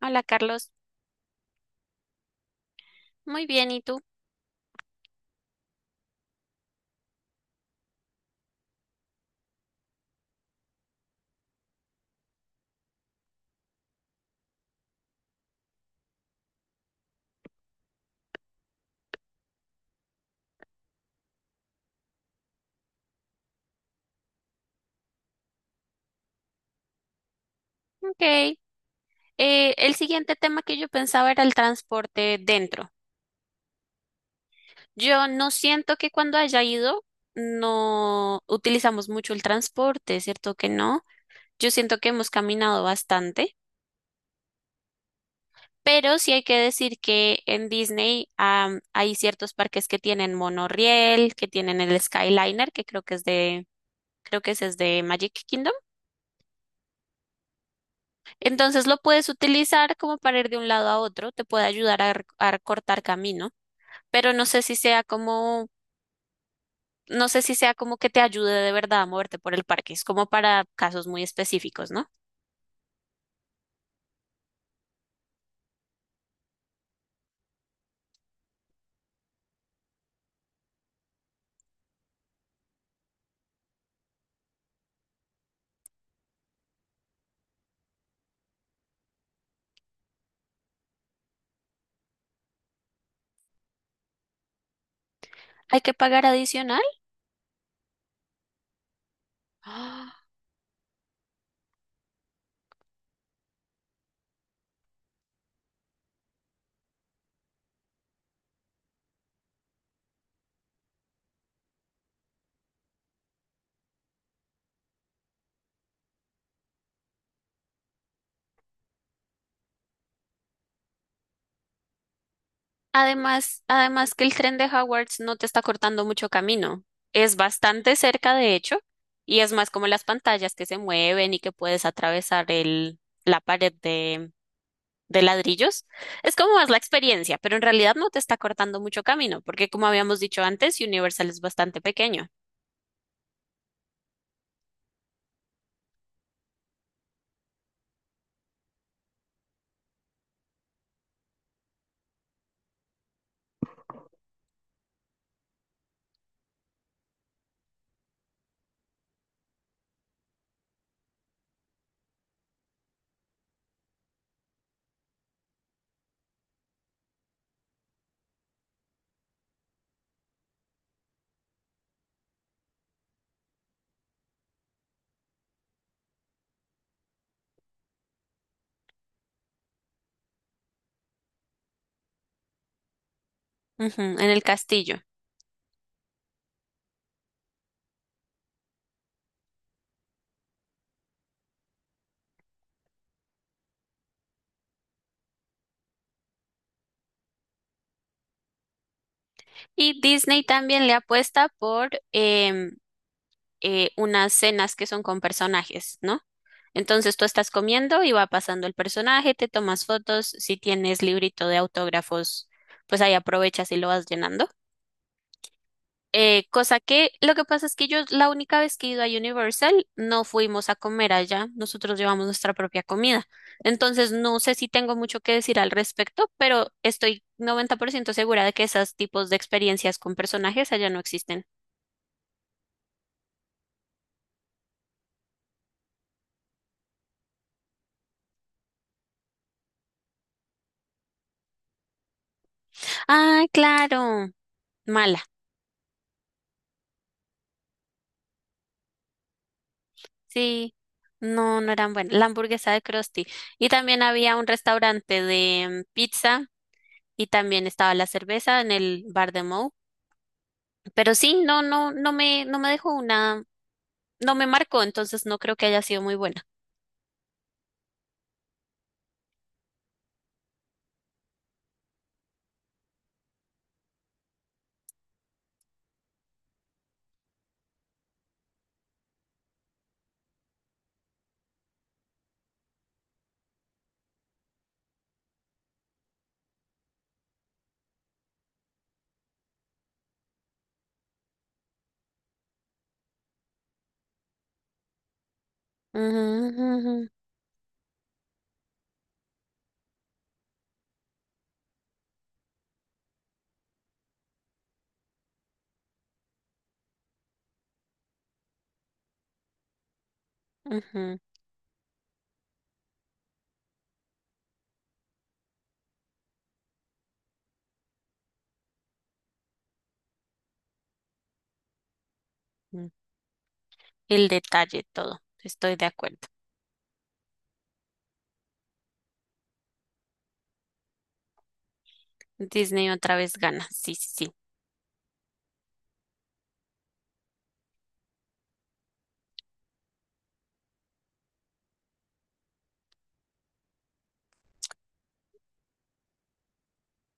Hola Carlos, muy bien, ¿y tú? Ok. El siguiente tema que yo pensaba era el transporte dentro. Yo no siento que cuando haya ido no utilizamos mucho el transporte, ¿cierto que no? Yo siento que hemos caminado bastante, pero sí hay que decir que en Disney hay ciertos parques que tienen monorriel, que tienen el Skyliner, que creo que es de, creo que ese es de Magic Kingdom. Entonces lo puedes utilizar como para ir de un lado a otro, te puede ayudar a cortar camino. Pero no sé si sea como que te ayude de verdad a moverte por el parque. Es como para casos muy específicos, ¿no? Hay que pagar adicional. ¡Ah! Además, además que el tren de Hogwarts no te está cortando mucho camino. Es bastante cerca, de hecho, y es más como las pantallas que se mueven y que puedes atravesar la pared de ladrillos. Es como más la experiencia, pero en realidad no te está cortando mucho camino, porque como habíamos dicho antes, Universal es bastante pequeño. Ujú, en el castillo. Y Disney también le apuesta por unas cenas que son con personajes, ¿no? Entonces tú estás comiendo y va pasando el personaje, te tomas fotos, si tienes librito de autógrafos, pues ahí aprovechas y lo vas llenando. Cosa que lo que pasa es que yo la única vez que he ido a Universal no fuimos a comer allá, nosotros llevamos nuestra propia comida. Entonces no sé si tengo mucho que decir al respecto, pero estoy 90% segura de que esos tipos de experiencias con personajes allá no existen. Ah, claro, mala, sí, no, no eran buenas. La hamburguesa de Krusty. Y también había un restaurante de pizza y también estaba la cerveza en el bar de Moe. Pero sí, no me dejó una, no me marcó, entonces no creo que haya sido muy buena. Ujú, ujú, ujú. El detalle, todo, estoy de acuerdo. Disney otra vez gana, sí, sí, sí.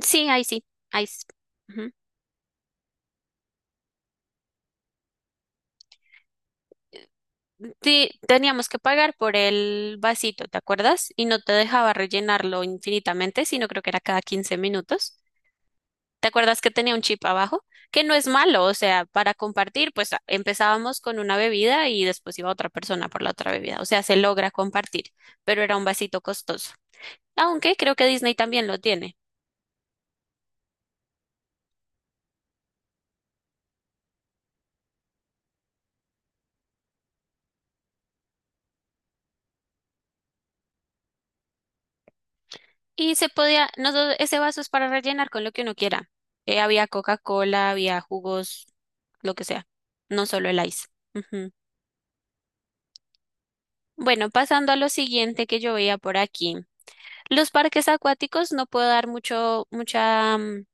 Sí, ahí sí, ahí sí. Sí, teníamos que pagar por el vasito, ¿te acuerdas? Y no te dejaba rellenarlo infinitamente, sino creo que era cada 15 minutos. ¿Te acuerdas que tenía un chip abajo? Que no es malo, o sea, para compartir, pues empezábamos con una bebida y después iba otra persona por la otra bebida. O sea, se logra compartir, pero era un vasito costoso. Aunque creo que Disney también lo tiene. Y se podía, no, do- ese vaso es para rellenar con lo que uno quiera. Había Coca-Cola, había jugos, lo que sea, no solo el ice. Bueno, pasando a lo siguiente que yo veía por aquí. Los parques acuáticos no puedo dar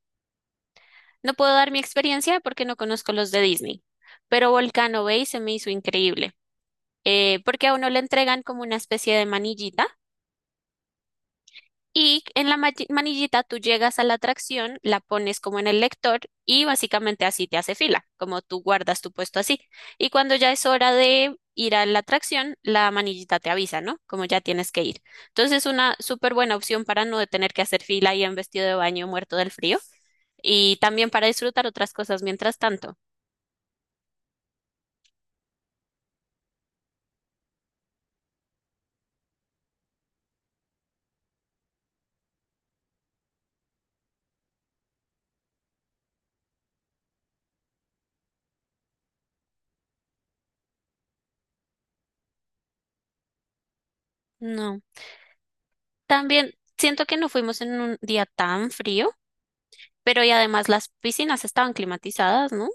no puedo dar mi experiencia porque no conozco los de Disney. Pero Volcano Bay se me hizo increíble, porque a uno le entregan como una especie de manillita. Y en la manillita tú llegas a la atracción, la pones como en el lector y básicamente así te hace fila, como tú guardas tu puesto así. Y cuando ya es hora de ir a la atracción, la manillita te avisa, ¿no? Como ya tienes que ir. Entonces es una súper buena opción para no tener que hacer fila y en vestido de baño muerto del frío y también para disfrutar otras cosas mientras tanto. No. También siento que no fuimos en un día tan frío, pero y además las piscinas estaban climatizadas, ¿no?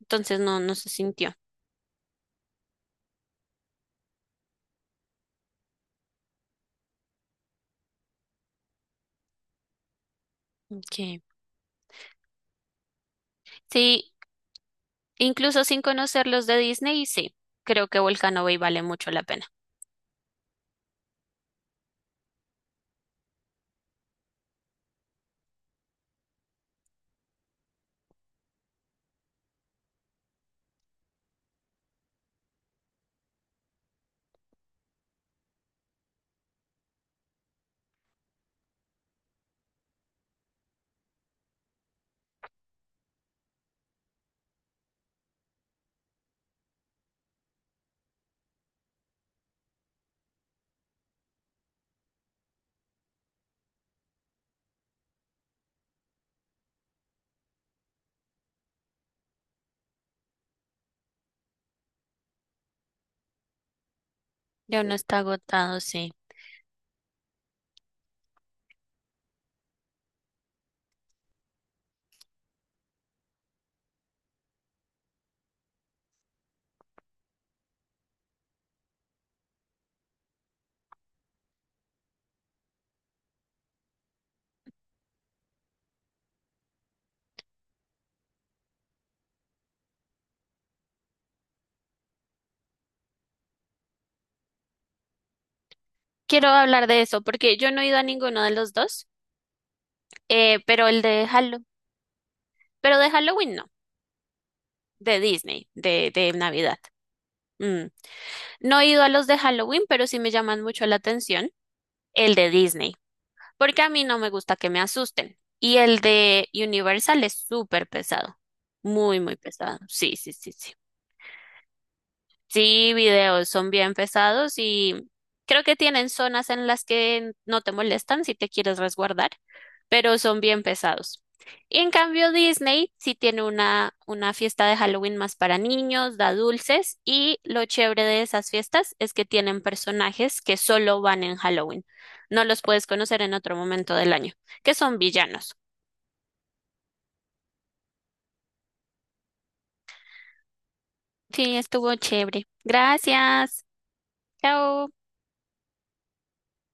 Entonces no, no se sintió. Ok. Sí, incluso sin conocer los de Disney, sí, creo que Volcano Bay vale mucho la pena. Ya uno está agotado, sí. Quiero hablar de eso porque yo no he ido a ninguno de los dos, pero el de Halloween, pero de Halloween no, de Disney, de Navidad. Mm. No he ido a los de Halloween, pero sí me llaman mucho la atención el de Disney, porque a mí no me gusta que me asusten. Y el de Universal es súper pesado, muy, muy pesado. Sí, sí, sí, sí. Sí, videos son bien pesados y creo que tienen zonas en las que no te molestan si te quieres resguardar, pero son bien pesados. Y en cambio Disney sí tiene una fiesta de Halloween más para niños, da dulces y lo chévere de esas fiestas es que tienen personajes que solo van en Halloween. No los puedes conocer en otro momento del año, que son villanos. Sí, estuvo chévere. Gracias. Chao.